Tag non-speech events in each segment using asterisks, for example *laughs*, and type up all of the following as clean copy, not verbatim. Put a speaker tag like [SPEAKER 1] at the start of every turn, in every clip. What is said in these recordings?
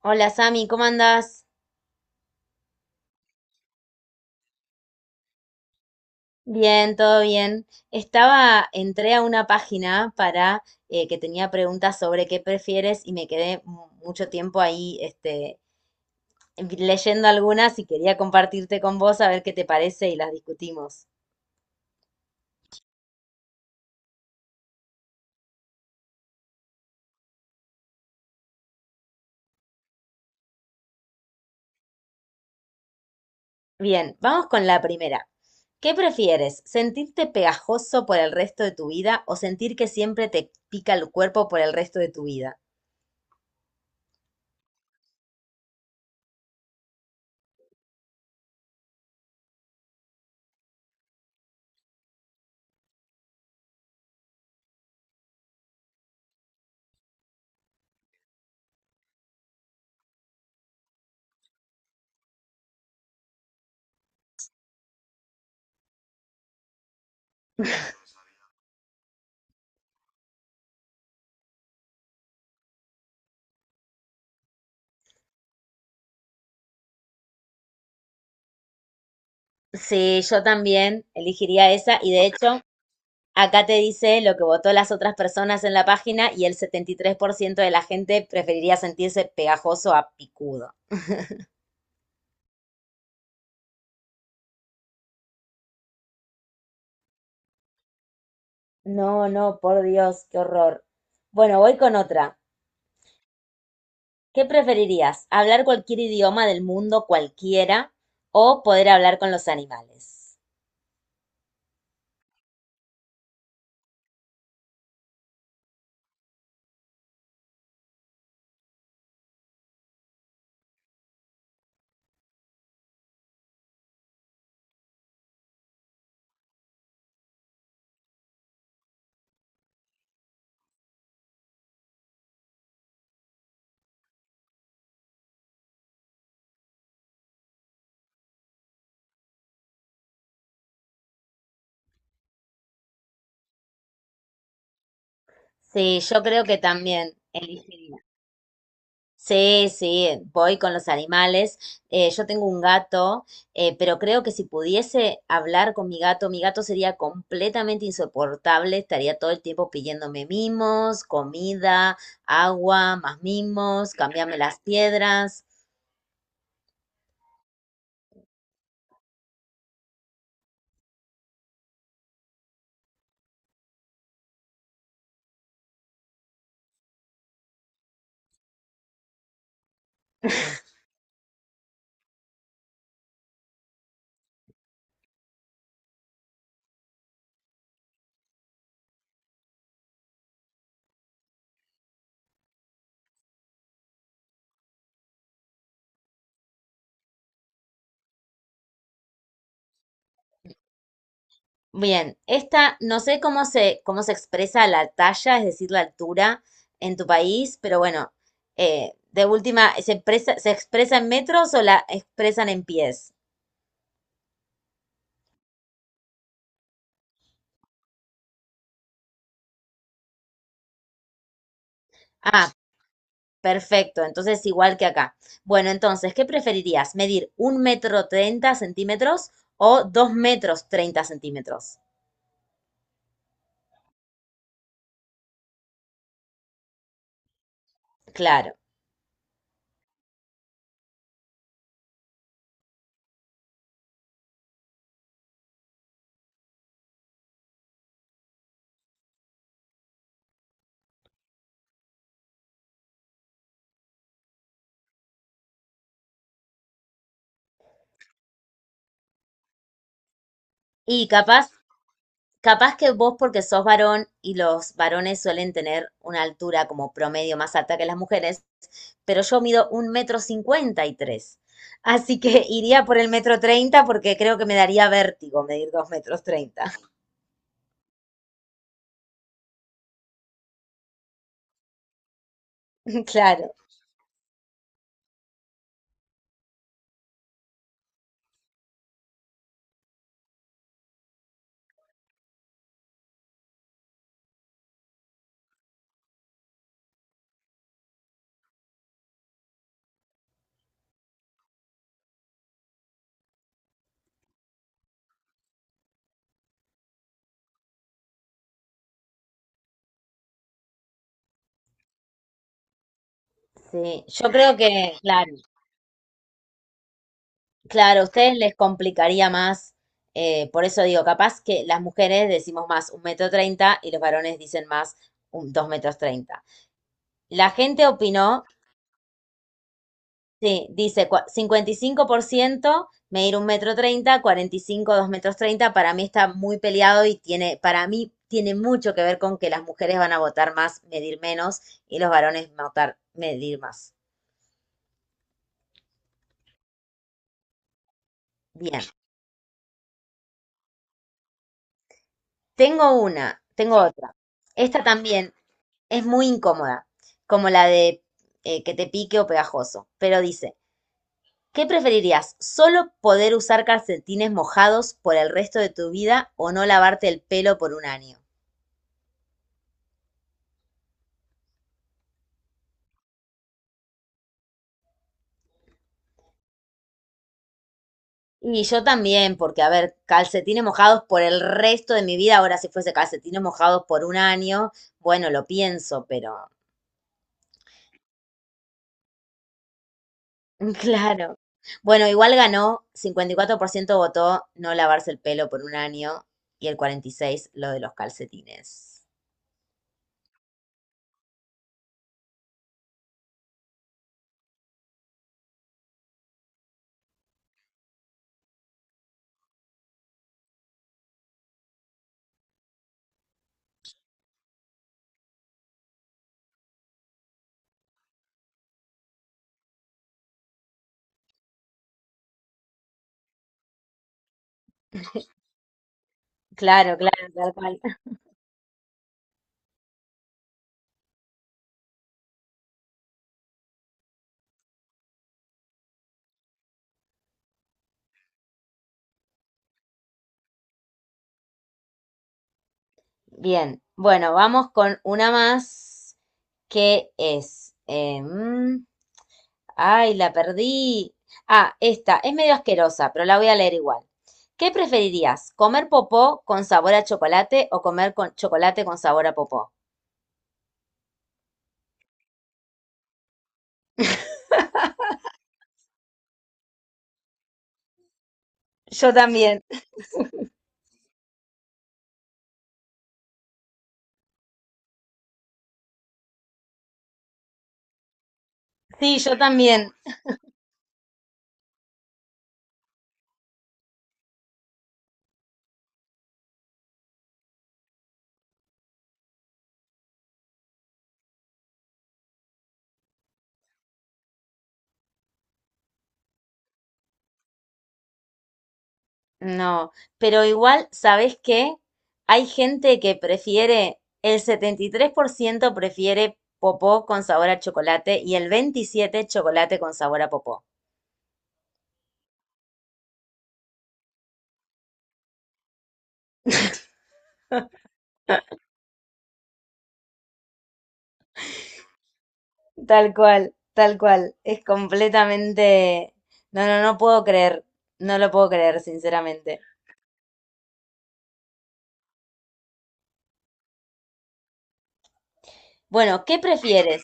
[SPEAKER 1] Hola Sami, ¿cómo andás? Bien, todo bien. Estaba, entré a una página para que tenía preguntas sobre qué prefieres y me quedé mucho tiempo ahí, este, leyendo algunas y quería compartirte con vos a ver qué te parece y las discutimos. Bien, vamos con la primera. ¿Qué prefieres? ¿Sentirte pegajoso por el resto de tu vida o sentir que siempre te pica el cuerpo por el resto de tu vida? Sí, yo también elegiría esa, y de hecho acá te dice lo que votó las otras personas en la página, y el 73% de la gente preferiría sentirse pegajoso a picudo. No, no, por Dios, qué horror. Bueno, voy con otra. ¿Qué preferirías? ¿Hablar cualquier idioma del mundo, cualquiera, o poder hablar con los animales? Sí, yo creo que también elegiría. Sí, sí, voy con los animales. Yo tengo un gato, pero creo que si pudiese hablar con mi gato sería completamente insoportable. Estaría todo el tiempo pidiéndome mimos, comida, agua, más mimos, cambiarme las piedras. Bien, esta no sé cómo se expresa la talla, es decir, la altura en tu país, pero bueno, de última, ¿ se expresa en metros o la expresan en pies? Ah, perfecto, entonces igual que acá. Bueno, entonces, ¿qué preferirías? ¿Medir 1,30 m o 2,30 m? Claro. Y capaz, capaz que vos porque sos varón y los varones suelen tener una altura como promedio más alta que las mujeres, pero yo mido 1,53 m. Así que *laughs* iría por el 1,30 m porque creo que me daría vértigo medir 2,30 m. *laughs* Claro, sí. Yo creo que, claro, claro, a ustedes les complicaría más. Por eso digo, capaz que las mujeres decimos más 1,30 m y los varones dicen más 2,30 m. La gente opinó. Sí, dice 55% medir un metro treinta, 45% 2,30 m. Para mí está muy peleado y tiene, para mí tiene mucho que ver con que las mujeres van a votar más, medir menos, y los varones votar, medir más. Bien, tengo una, tengo otra. Esta también es muy incómoda, como la de que te pique o pegajoso, pero dice, ¿qué preferirías? ¿Solo poder usar calcetines mojados por el resto de tu vida o no lavarte el pelo por un año? Y yo también, porque a ver, calcetines mojados por el resto de mi vida, ahora si fuese calcetines mojados por un año, bueno, lo pienso, pero *laughs* claro. Bueno, igual ganó, 54% votó no lavarse el pelo por un año y el 46% lo de los calcetines. Claro, claro, tal cual. *laughs* Bien, bueno, vamos con una más que es... Ay, la perdí. Ah, esta es medio asquerosa, pero la voy a leer igual. ¿Qué preferirías? ¿Comer popó con sabor a chocolate o comer con chocolate con sabor a popó? Yo también. Sí, yo también. No, pero igual, ¿sabes qué? Hay gente que prefiere, el 73% prefiere popó con sabor a chocolate y el 27% chocolate con sabor a popó. Tal cual, tal cual. Es completamente... No, no, no puedo creer. No lo puedo creer, sinceramente. Bueno, ¿qué prefieres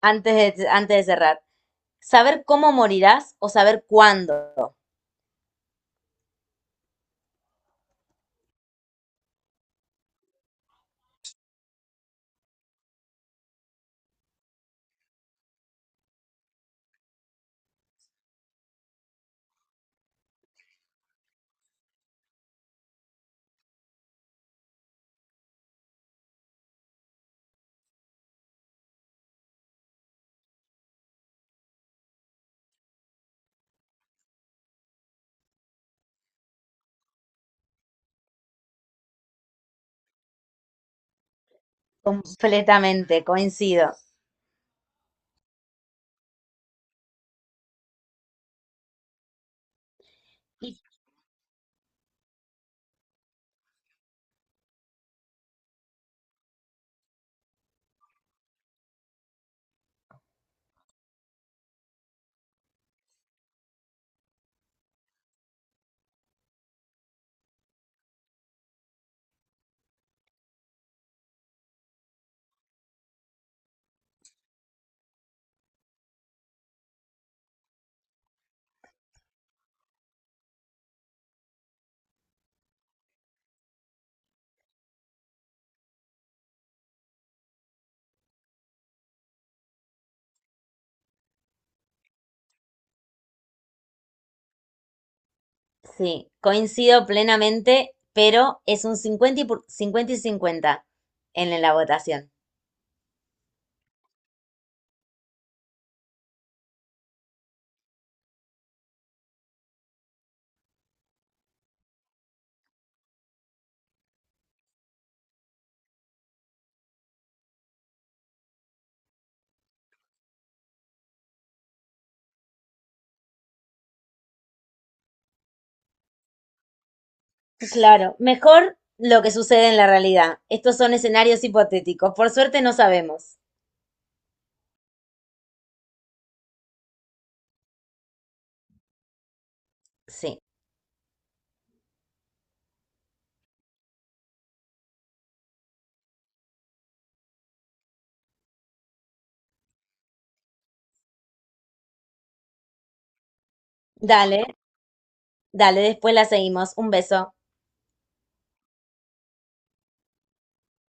[SPEAKER 1] antes de cerrar? ¿Saber cómo morirás o saber cuándo? Completamente, coincido. Y- Sí, coincido plenamente, pero es un 50 y 50 en la votación. Claro, mejor lo que sucede en la realidad. Estos son escenarios hipotéticos. Por suerte no sabemos. Sí. Dale, dale, después la seguimos. Un beso.